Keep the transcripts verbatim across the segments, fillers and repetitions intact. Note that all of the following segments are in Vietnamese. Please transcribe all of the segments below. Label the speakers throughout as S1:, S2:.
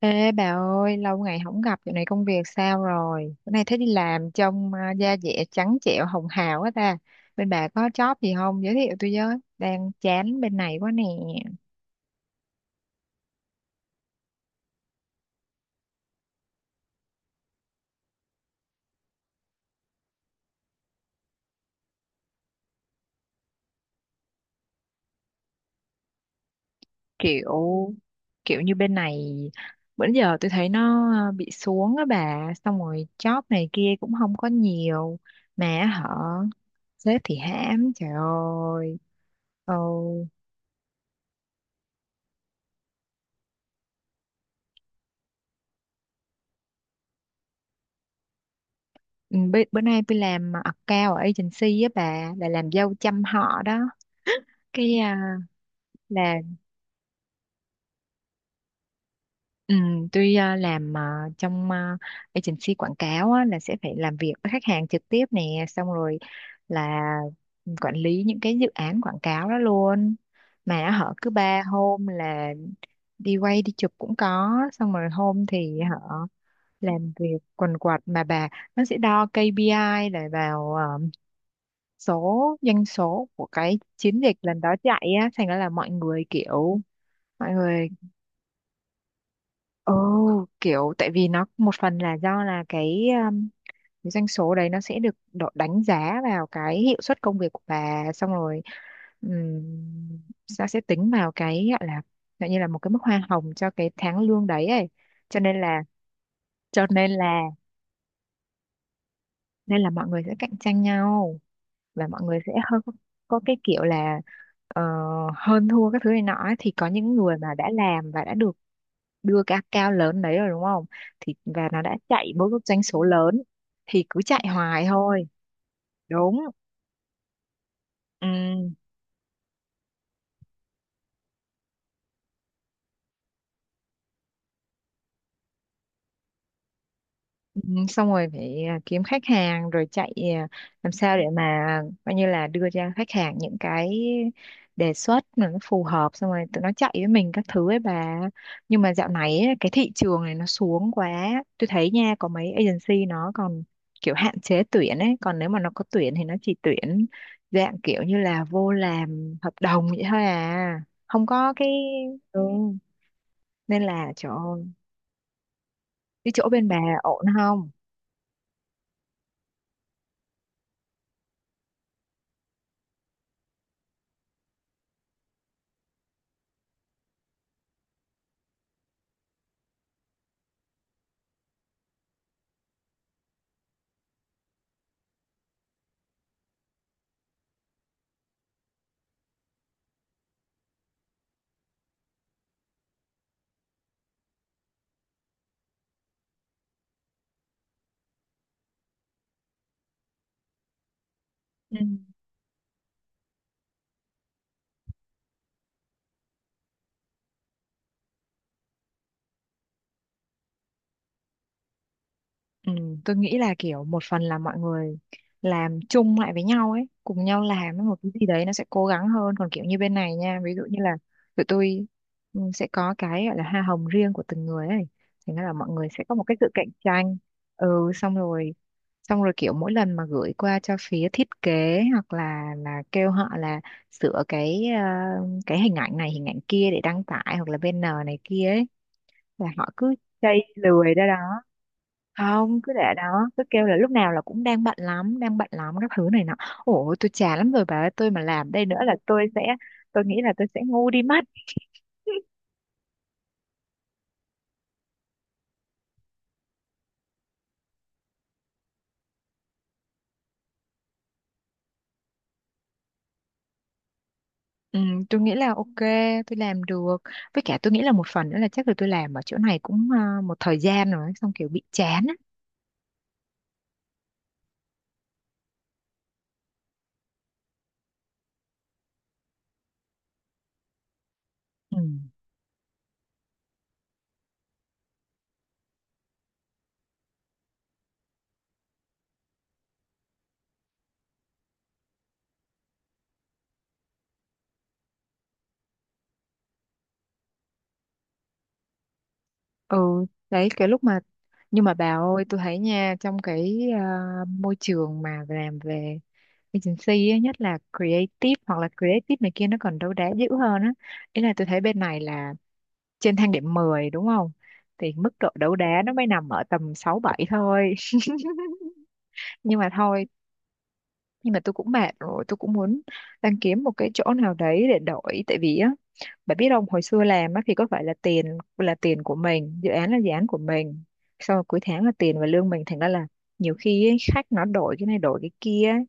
S1: Ê bà ơi, lâu ngày không gặp, dạo này công việc sao rồi? Bữa nay thấy đi làm trông à, da dẻ trắng trẻo hồng hào quá ta. Bên bà có job gì không? Giới thiệu tôi với. Đang chán bên này quá nè. Kiểu kiểu như bên này, bữa giờ tôi thấy nó à, bị xuống á bà, xong rồi job này kia cũng không có nhiều, mà họ sếp thì hãm, trời ơi. Ừ. Ừ, bữa, bữa nay tôi làm account ở agency á bà, là làm dâu chăm họ đó. Cái à, là ừm, tuy ờ, làm ờ, trong ờ, Agency quảng cáo á, là sẽ phải làm việc với khách hàng trực tiếp nè, xong rồi là quản lý những cái dự án quảng cáo đó luôn. Mà họ cứ ba hôm là đi quay đi chụp cũng có, xong rồi hôm thì họ làm việc quần quật mà bà, nó sẽ đo ca pê i để vào ờ, số doanh số của cái chiến dịch lần đó chạy á, thành ra là mọi người kiểu mọi người Ồ, kiểu tại vì nó một phần là do là cái, um, cái doanh số đấy nó sẽ được đo- đánh giá vào cái hiệu suất công việc của bà, xong rồi um, nó sẽ tính vào cái gọi là gọi như là một cái mức hoa hồng cho cái tháng lương đấy ấy. Cho nên là cho nên là Nên là mọi người sẽ cạnh tranh nhau và mọi người sẽ hơi có, có cái kiểu là ờ, hơn thua các thứ này nọ ấy. Thì có những người mà đã làm và đã được đưa cái account lớn đấy rồi đúng không, thì và nó đã chạy bước doanh số lớn thì cứ chạy hoài thôi đúng ừ. Ừ, xong rồi phải à, kiếm khách hàng rồi chạy à, làm sao để mà coi như là đưa cho khách hàng những cái đề xuất mà nó phù hợp, xong rồi tụi nó chạy với mình các thứ ấy bà. Nhưng mà dạo này ấy, cái thị trường này nó xuống quá, tôi thấy nha có mấy agency nó còn kiểu hạn chế tuyển ấy, còn nếu mà nó có tuyển thì nó chỉ tuyển dạng kiểu như là vô làm hợp đồng vậy thôi à, không có cái ừ. Nên là chỗ, cái chỗ bên bà ổn không? Ừ. Ừ, tôi nghĩ là kiểu một phần là mọi người làm chung lại với nhau ấy, cùng nhau làm một cái gì đấy nó sẽ cố gắng hơn. Còn kiểu như bên này nha, ví dụ như là tụi tôi, ừ, sẽ có cái gọi là hoa hồng riêng của từng người ấy. Thì nó là mọi người sẽ có một cái sự cạnh tranh. Ừ, xong rồi xong rồi kiểu mỗi lần mà gửi qua cho phía thiết kế hoặc là là kêu họ là sửa cái ờ, cái hình ảnh này hình ảnh kia để đăng tải hoặc là banner này kia ấy, là họ cứ chây lười ra đó, không cứ để đó cứ kêu là lúc nào là cũng đang bận lắm đang bận lắm các thứ này nọ. Ủa tôi chán lắm rồi bà ơi, tôi mà làm đây nữa là tôi sẽ, tôi nghĩ là tôi sẽ ngu đi mất. Ừ, tôi nghĩ là ok, tôi làm được. Với cả tôi nghĩ là một phần nữa là chắc là tôi làm ở chỗ này cũng à, một thời gian rồi xong kiểu bị chán á. Ừ. Ừ đấy cái lúc mà, nhưng mà bà ơi tôi thấy nha trong cái à, môi trường mà làm về agency á, nhất là creative hoặc là creative này kia nó còn đấu đá dữ hơn á. Ý là tôi thấy bên này là trên thang điểm mười đúng không, thì mức độ đấu đá nó mới nằm ở tầm sáu bảy thôi. Nhưng mà thôi, nhưng mà tôi cũng mệt rồi, tôi cũng muốn, đang kiếm một cái chỗ nào đấy để đổi, tại vì á bà biết không, hồi xưa làm á thì có phải là tiền là tiền của mình, dự án là dự án của mình, xong rồi cuối tháng là tiền và lương mình, thành ra là nhiều khi ấy, khách nó đổi cái này đổi cái kia ấy.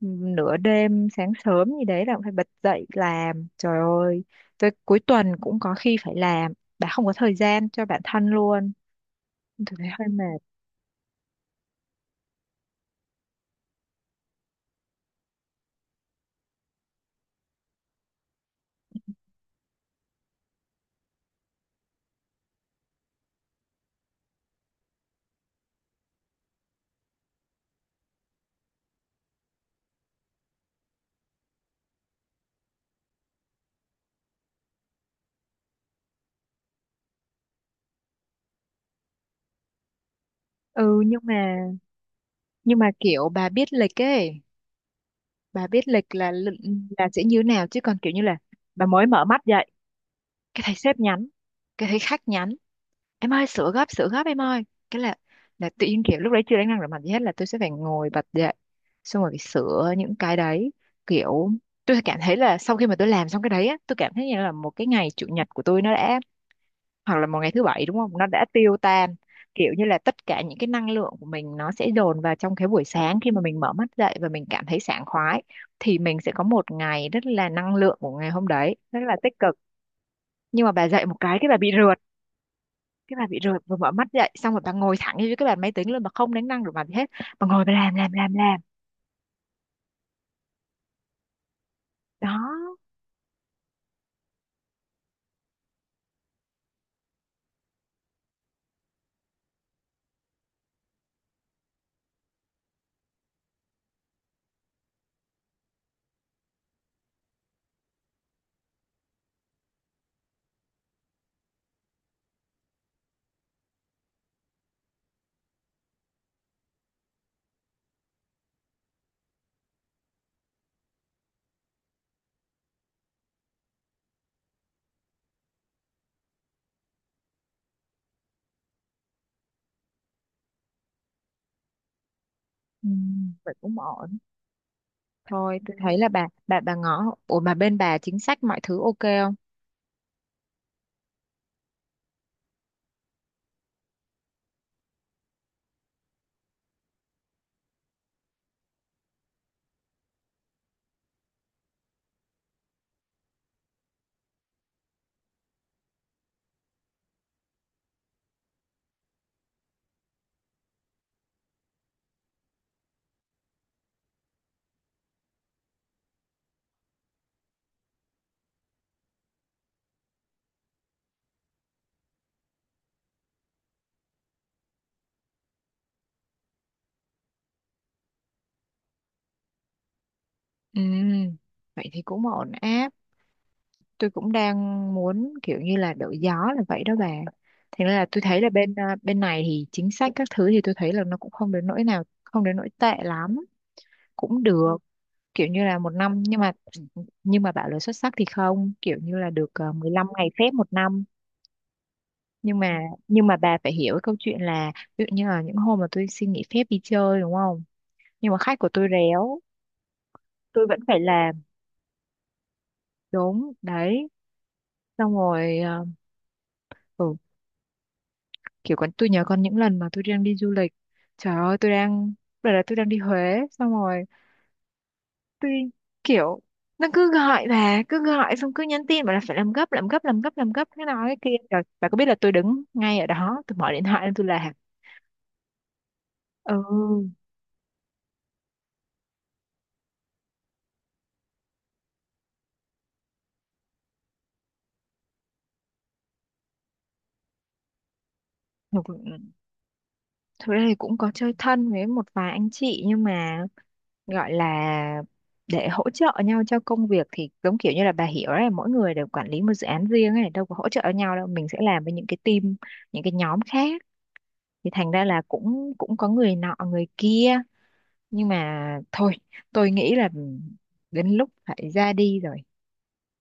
S1: Ừm, nửa đêm sáng sớm gì đấy là cũng phải bật dậy làm, trời ơi, tới cuối tuần cũng có khi phải làm, bà không có thời gian cho bản thân luôn. Tôi thấy hơi mệt. Ừ nhưng mà, nhưng mà kiểu bà biết lịch ấy, bà biết lịch là l- là sẽ như thế nào, chứ còn kiểu như là bà mới mở mắt dậy cái thấy sếp nhắn, cái thấy khách nhắn em ơi sửa gấp sửa gấp em ơi, cái là là tự nhiên kiểu lúc đấy chưa đánh răng rửa mặt gì hết là tôi sẽ phải ngồi bật dậy xong rồi phải sửa những cái đấy. Kiểu tôi cảm thấy là sau khi mà tôi làm xong cái đấy á, tôi cảm thấy như là một cái ngày chủ nhật của tôi nó đã, hoặc là một ngày thứ bảy đúng không, nó đã tiêu tan. Kiểu như là tất cả những cái năng lượng của mình nó sẽ dồn vào trong cái buổi sáng khi mà mình mở mắt dậy và mình cảm thấy sảng khoái, thì mình sẽ có một ngày rất là năng lượng, của ngày hôm đấy rất là tích cực. Nhưng mà bà dậy một cái cái bà bị rượt, cái bà bị rượt, vừa mở mắt dậy xong rồi bà ngồi thẳng như cái bàn máy tính luôn, bà không đánh răng rửa mặt gì hết, bà ngồi bà làm làm làm làm đó. Ừ, vậy cũng ổn. Thôi tôi thấy là bà bà bà ngó, ủa mà bên bà chính sách mọi thứ ok không? Ừ, vậy thì cũng ổn áp. Tôi cũng đang muốn kiểu như là đổi gió là vậy đó bà. Thế nên là tôi thấy là bên à, bên này thì chính sách các thứ thì tôi thấy là nó cũng không đến nỗi nào, không đến nỗi tệ lắm, cũng được. Kiểu như là một năm, nhưng mà nhưng mà bảo là xuất sắc thì không, kiểu như là được à, mười lăm ngày phép một năm. Nhưng mà nhưng mà bà phải hiểu cái câu chuyện là ví dụ như là những hôm mà tôi xin nghỉ phép đi chơi đúng không, nhưng mà khách của tôi réo, tôi vẫn phải làm. Đúng đấy. Xong rồi à, ừ kiểu con tôi nhớ còn những lần mà tôi đang đi du lịch, trời ơi tôi đang, đợt là tôi đang đi Huế xong rồi tôi kiểu nó cứ gọi, bà cứ gọi xong cứ nhắn tin bảo là phải làm gấp làm gấp làm gấp làm gấp thế nào cái kia, rồi bà có biết là tôi đứng ngay ở đó tôi mở điện thoại lên tôi là ừ. Thực, thực ra thì cũng có chơi thân với một vài anh chị, nhưng mà gọi là để hỗ trợ nhau cho công việc thì giống kiểu như là bà hiểu đấy, mỗi người đều quản lý một dự án riêng ấy, đâu có hỗ trợ nhau đâu, mình sẽ làm với những cái team, những cái nhóm khác, thì thành ra là cũng cũng có người nọ người kia. Nhưng mà thôi, tôi nghĩ là đến lúc phải ra đi rồi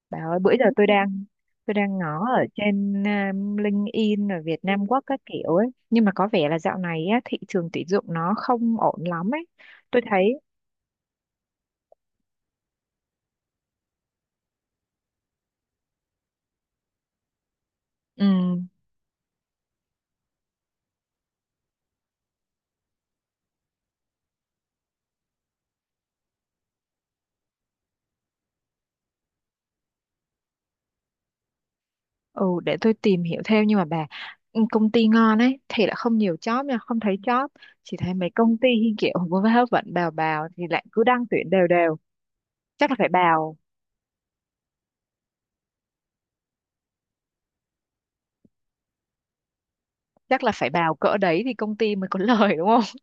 S1: bà ơi. Bữa giờ tôi đang, tôi đang ngó ở trên um, LinkedIn ở Việt Nam Work các kiểu ấy, nhưng mà có vẻ là dạo này á, thị trường tuyển dụng nó không ổn lắm ấy, tôi thấy ừm, ừ để tôi tìm hiểu thêm. Nhưng mà bà, ừ, công ty ngon ấy thì lại không nhiều job nha, không thấy job, chỉ thấy mấy công ty kiểu vô vơ vẩn bào bào thì lại cứ đăng tuyển đều đều. Chắc là phải bào, chắc là phải bào cỡ đấy thì công ty mới có lời đúng không?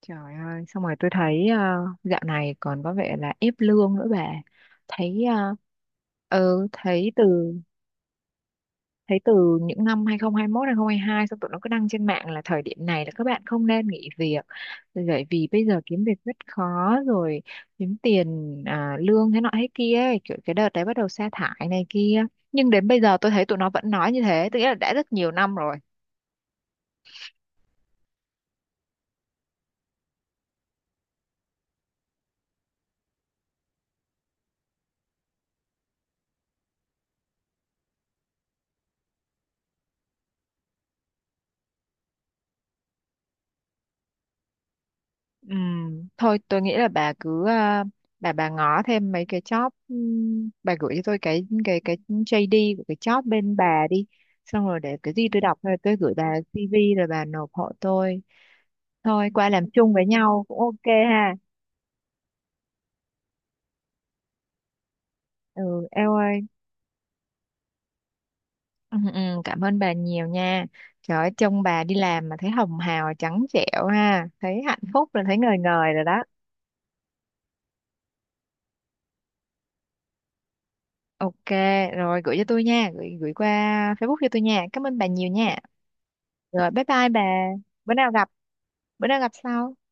S1: Trời ơi, xong rồi tôi thấy ờ, dạo này còn có vẻ là ép lương nữa bà. Thấy ờ, ừ thấy từ thấy từ những năm hai không hai mốt hai không hai hai, xong tụi nó cứ đăng trên mạng là thời điểm này là các bạn không nên nghỉ việc. Bởi vì bây giờ kiếm việc rất khó rồi, kiếm tiền à, lương thế nọ thế kia ấy, kiểu cái đợt đấy bắt đầu sa thải này kia. Nhưng đến bây giờ tôi thấy tụi nó vẫn nói như thế, tức nghĩa là đã rất nhiều năm rồi. Ừm, thôi tôi nghĩ là bà cứ à, bà bà ngó thêm mấy cái job, ừm, bà gửi cho tôi cái cái cái giây đi của cái job bên bà đi, xong rồi để cái gì tôi đọc rồi tôi gửi bà xi vi rồi bà nộp hộ tôi. Thôi qua làm chung với nhau cũng ok. Ha, ừ eo ơi. Ừ, ừ, cảm ơn bà nhiều nha. Trời ơi trông bà đi làm mà thấy hồng hào trắng trẻo ha, thấy hạnh phúc rồi, thấy ngời ngời rồi đó. Ok, rồi gửi cho tôi nha, gửi gửi qua Facebook cho tôi nha. Cảm ơn bà nhiều nha. Rồi bye bye bà. Bữa nào gặp, Bữa nào gặp sau.